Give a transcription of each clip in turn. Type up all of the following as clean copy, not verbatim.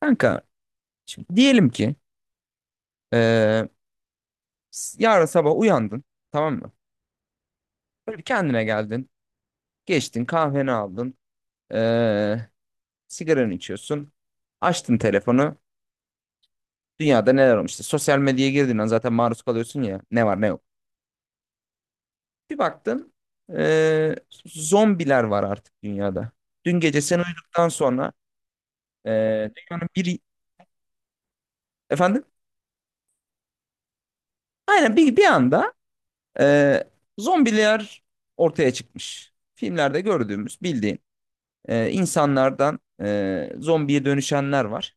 Kanka, şimdi diyelim ki, eee, yarın sabah uyandın, tamam mı? Böyle bir kendine geldin. Geçtin, kahveni aldın. eee Sigaranı içiyorsun. Açtın telefonu. Dünyada neler olmuş? İşte sosyal medyaya girdiğin an zaten maruz kalıyorsun ya. Ne var ne yok. Bir baktın, eee, zombiler var artık dünyada. Dün gece sen uyuduktan sonra dünyanın bir... Efendim? Aynen bir anda, eee, zombiler ortaya çıkmış. Filmlerde gördüğümüz bildiğin. İnsanlardan zombiye dönüşenler var.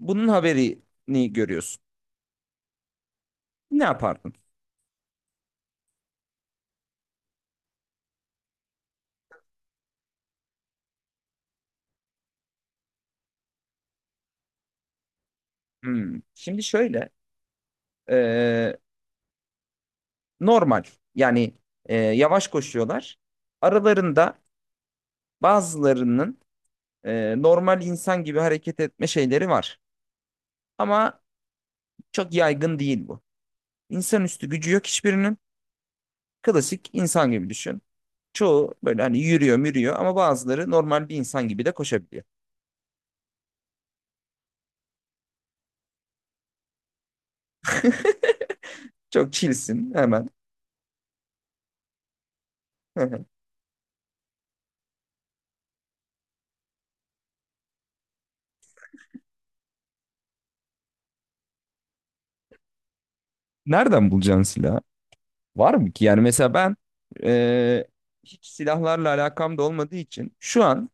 Bunun haberini görüyorsun. Ne yapardın? Hmm. Şimdi şöyle, e, normal yani, yavaş koşuyorlar. Aralarında bazılarının normal insan gibi hareket etme şeyleri var. Ama çok yaygın değil bu. İnsanüstü gücü yok hiçbirinin. Klasik insan gibi düşün. Çoğu böyle hani yürüyor, mürüyor ama bazıları normal bir insan gibi de koşabiliyor. Çok chillsin hemen. Nereden bulacaksın silah? Var mı ki? Yani mesela ben, e, hiç silahlarla alakam da olmadığı için şu an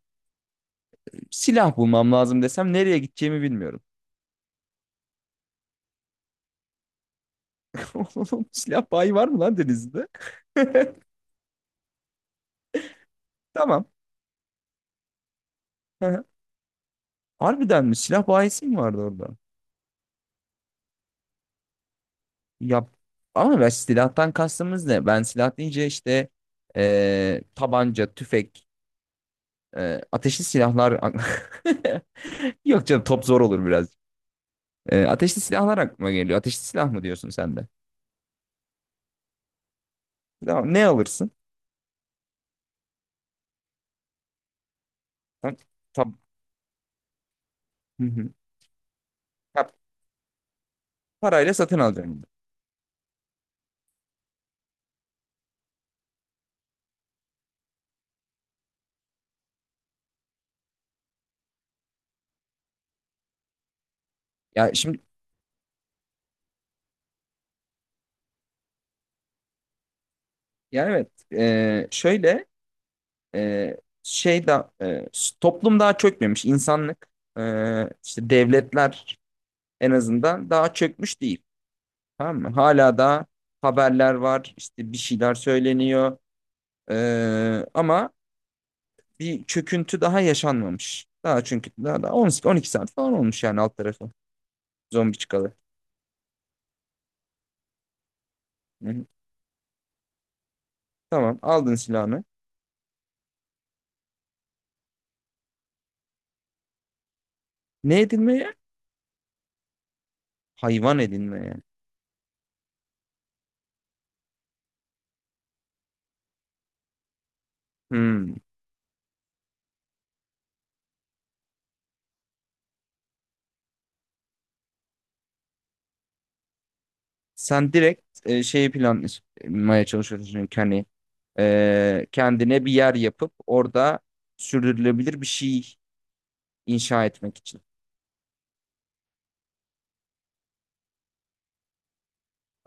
silah bulmam lazım desem nereye gideceğimi bilmiyorum. Oğlum, silah bayi var mı lan Denizli'de? Tamam. Hı hı. Harbiden mi? Silah bayisi mi vardı orada? Ya ama ben, silahtan kastımız ne? Ben silah deyince işte, tabanca, tüfek, ateşli silahlar. Yok canım, top zor olur biraz. Ateşli silahlar aklıma geliyor. Ateşli silah mı diyorsun sen de? Ya ne alırsın? Tam, tam, hı hı. Ya parayla satın alacaksın. Ya şimdi, ya evet, şöyle, e, şey da, toplum daha çökmemiş, insanlık, e, işte devletler en azından daha çökmüş değil. Tamam mı? Hala da haberler var, işte bir şeyler söyleniyor. Ama bir çöküntü daha yaşanmamış. Daha, çünkü daha da 12 saat falan olmuş yani, alt tarafı zombi çıkalı. Hı hı. Tamam, aldın silahını. Ne edilmeye? Hayvan edinmeye. Hmm. Sen direkt şeyi planlamaya çalışıyorsun çünkü hani, kendine bir yer yapıp orada sürdürülebilir bir şey inşa etmek için.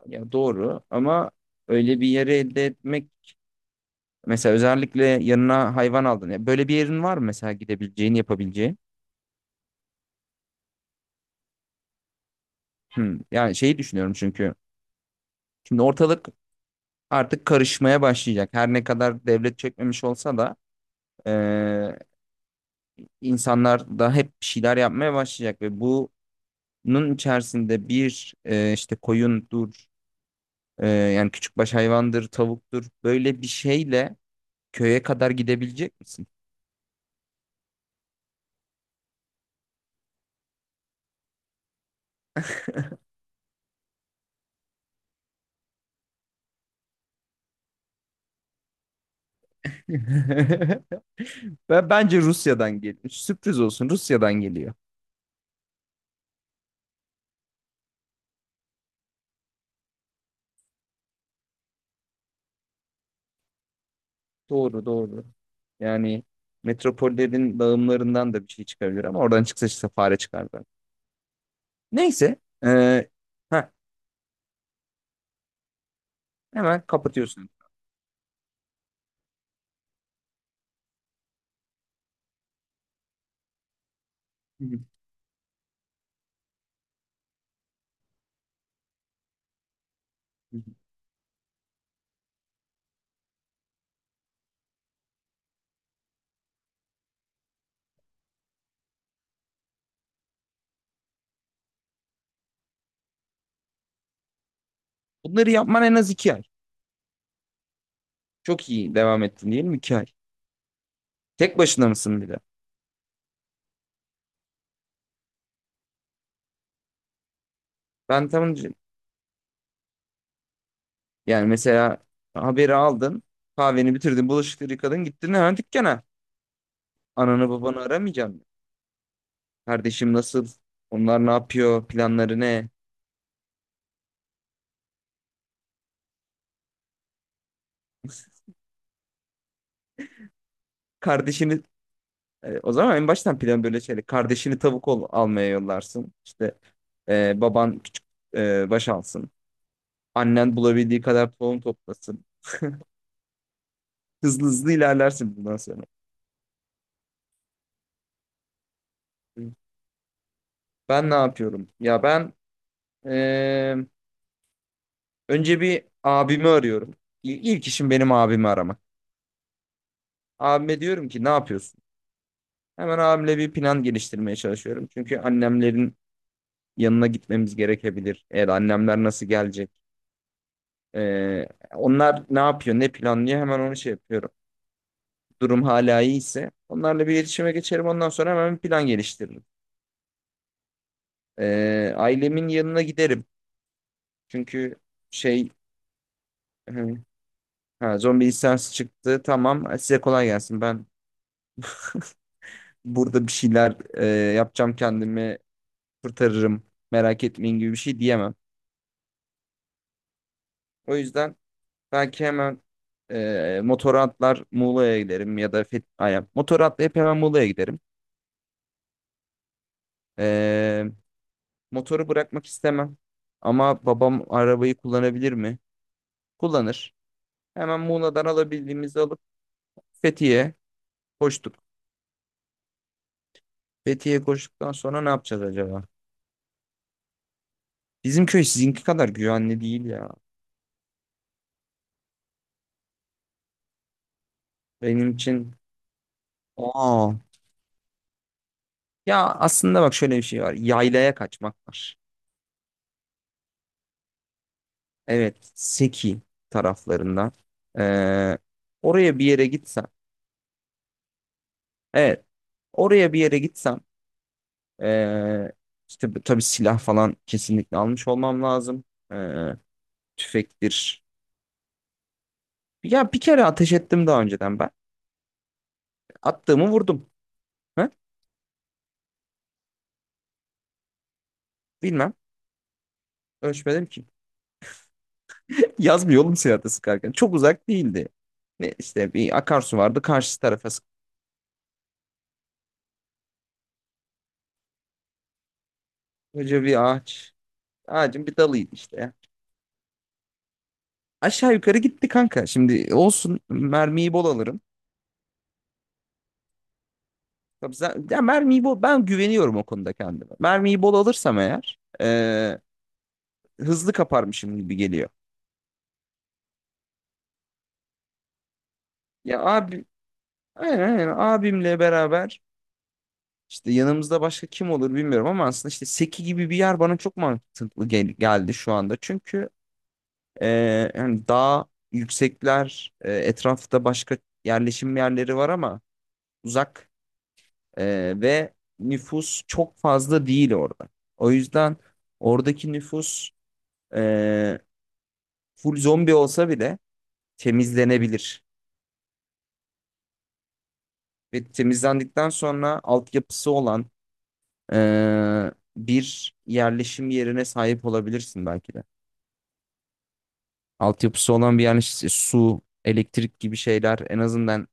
Ya doğru ama öyle bir yeri elde etmek, mesela özellikle yanına hayvan aldın. Ya böyle bir yerin var mı mesela, gidebileceğin, yapabileceğin? Hmm. Yani şeyi düşünüyorum çünkü şimdi ortalık artık karışmaya başlayacak. Her ne kadar devlet çekmemiş olsa da, e, insanlar da hep bir şeyler yapmaya başlayacak ve bunun içerisinde bir, işte koyundur, yani küçükbaş hayvandır, tavuktur, böyle bir şeyle köye kadar gidebilecek misin? Bence Rusya'dan geliyor. Sürpriz olsun, Rusya'dan geliyor. Doğru, doğru. Yani metropollerin dağılımlarından da bir şey çıkabilir ama oradan çıksa işte fare çıkardı. Neyse. Heh, Hemen kapatıyorsun. Hı hı. Bunları yapman en az 2 ay. Çok iyi devam ettin diyelim, 2 ay. Tek başına mısın bir de? Ben tam, yani mesela haberi aldın. Kahveni bitirdin. Bulaşıkları yıkadın. Gittin hemen dükkana. Ananı babanı aramayacağım. Kardeşim nasıl? Onlar ne yapıyor? Planları ne? Kardeşini, o zaman en baştan plan böyle şeyle. Kardeşini tavuk almaya yollarsın. İşte, baban küçük, baş alsın. Annen bulabildiği kadar tohum toplasın. Hızlı hızlı ilerlersin bundan sonra. Ben ne yapıyorum? Ya ben, eee, önce bir abimi arıyorum. İlk işim benim abimi aramak. Abime diyorum ki, ne yapıyorsun? Hemen abimle bir plan geliştirmeye çalışıyorum. Çünkü annemlerin yanına gitmemiz gerekebilir. Eğer annemler nasıl gelecek? Ee, Onlar ne yapıyor, ne planlıyor? Hemen onu şey yapıyorum. Durum hala iyiyse, onlarla bir iletişime geçerim. Ondan sonra hemen bir plan geliştiririm. Ailemin yanına giderim. Çünkü şey... hı, ha, zombi isyansı çıktı. Tamam. Size kolay gelsin. Ben burada bir şeyler yapacağım, kendimi kurtarırım, merak etmeyin gibi bir şey diyemem. O yüzden belki hemen motora atlar Muğla'ya giderim, ya da aynen. Motora atlayıp hemen Muğla'ya giderim. E, Motoru bırakmak istemem ama babam arabayı kullanabilir mi? Kullanır. Hemen Muğla'dan alabildiğimizi alıp Fethiye'ye koştuk. Fethiye'ye koştuktan sonra ne yapacağız acaba? Bizim köy sizinki kadar güvenli değil ya. Benim için... Aa, ya aslında bak, şöyle bir şey var. Yaylaya kaçmak var. Evet, Seki taraflarında. Ee, Oraya bir yere gitsem. Evet, oraya bir yere gitsem. Ee, işte tabii silah falan kesinlikle almış olmam lazım. Ee, Tüfektir. Ya bir kere ateş ettim daha önceden ben. Attığımı vurdum. Ha? Bilmem. Ölçmedim ki. Yazmıyor oğlum silahta sıkarken. Çok uzak değildi. Ne işte, bir akarsu vardı. Karşı tarafa, sıkıca bir ağaç. Ağacın bir dalıydı işte. Aşağı yukarı gitti kanka. Şimdi olsun mermiyi bol alırım. Ya mermiyi bol, ben güveniyorum o konuda kendime. Mermiyi bol alırsam eğer, hızlı kaparmışım gibi geliyor. Ya abi, aynen, aynen. Abimle beraber işte yanımızda başka kim olur bilmiyorum ama aslında işte Seki gibi bir yer bana çok mantıklı geldi şu anda. Çünkü hani daha yüksekler, etrafta başka yerleşim yerleri var ama uzak. Ve nüfus çok fazla değil orada. O yüzden oradaki nüfus, e, full zombi olsa bile, temizlenebilir. Ve temizlendikten sonra altyapısı olan e, bir yerleşim yerine sahip olabilirsin belki de. Altyapısı olan bir yerleşim, su, elektrik gibi şeyler, en azından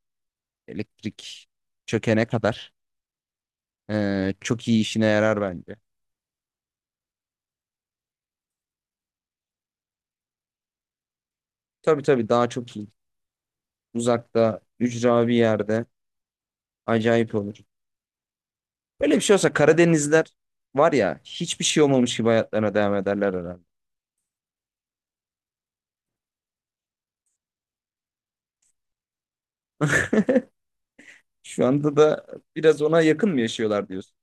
elektrik çökene kadar, çok iyi işine yarar bence. Tabii, tabii, daha çok iyi. Uzakta, ücra bir yerde acayip olur. Böyle bir şey olsa Karadenizler var ya, hiçbir şey olmamış gibi hayatlarına devam ederler herhalde. Şu anda da biraz ona yakın mı yaşıyorlar diyorsun?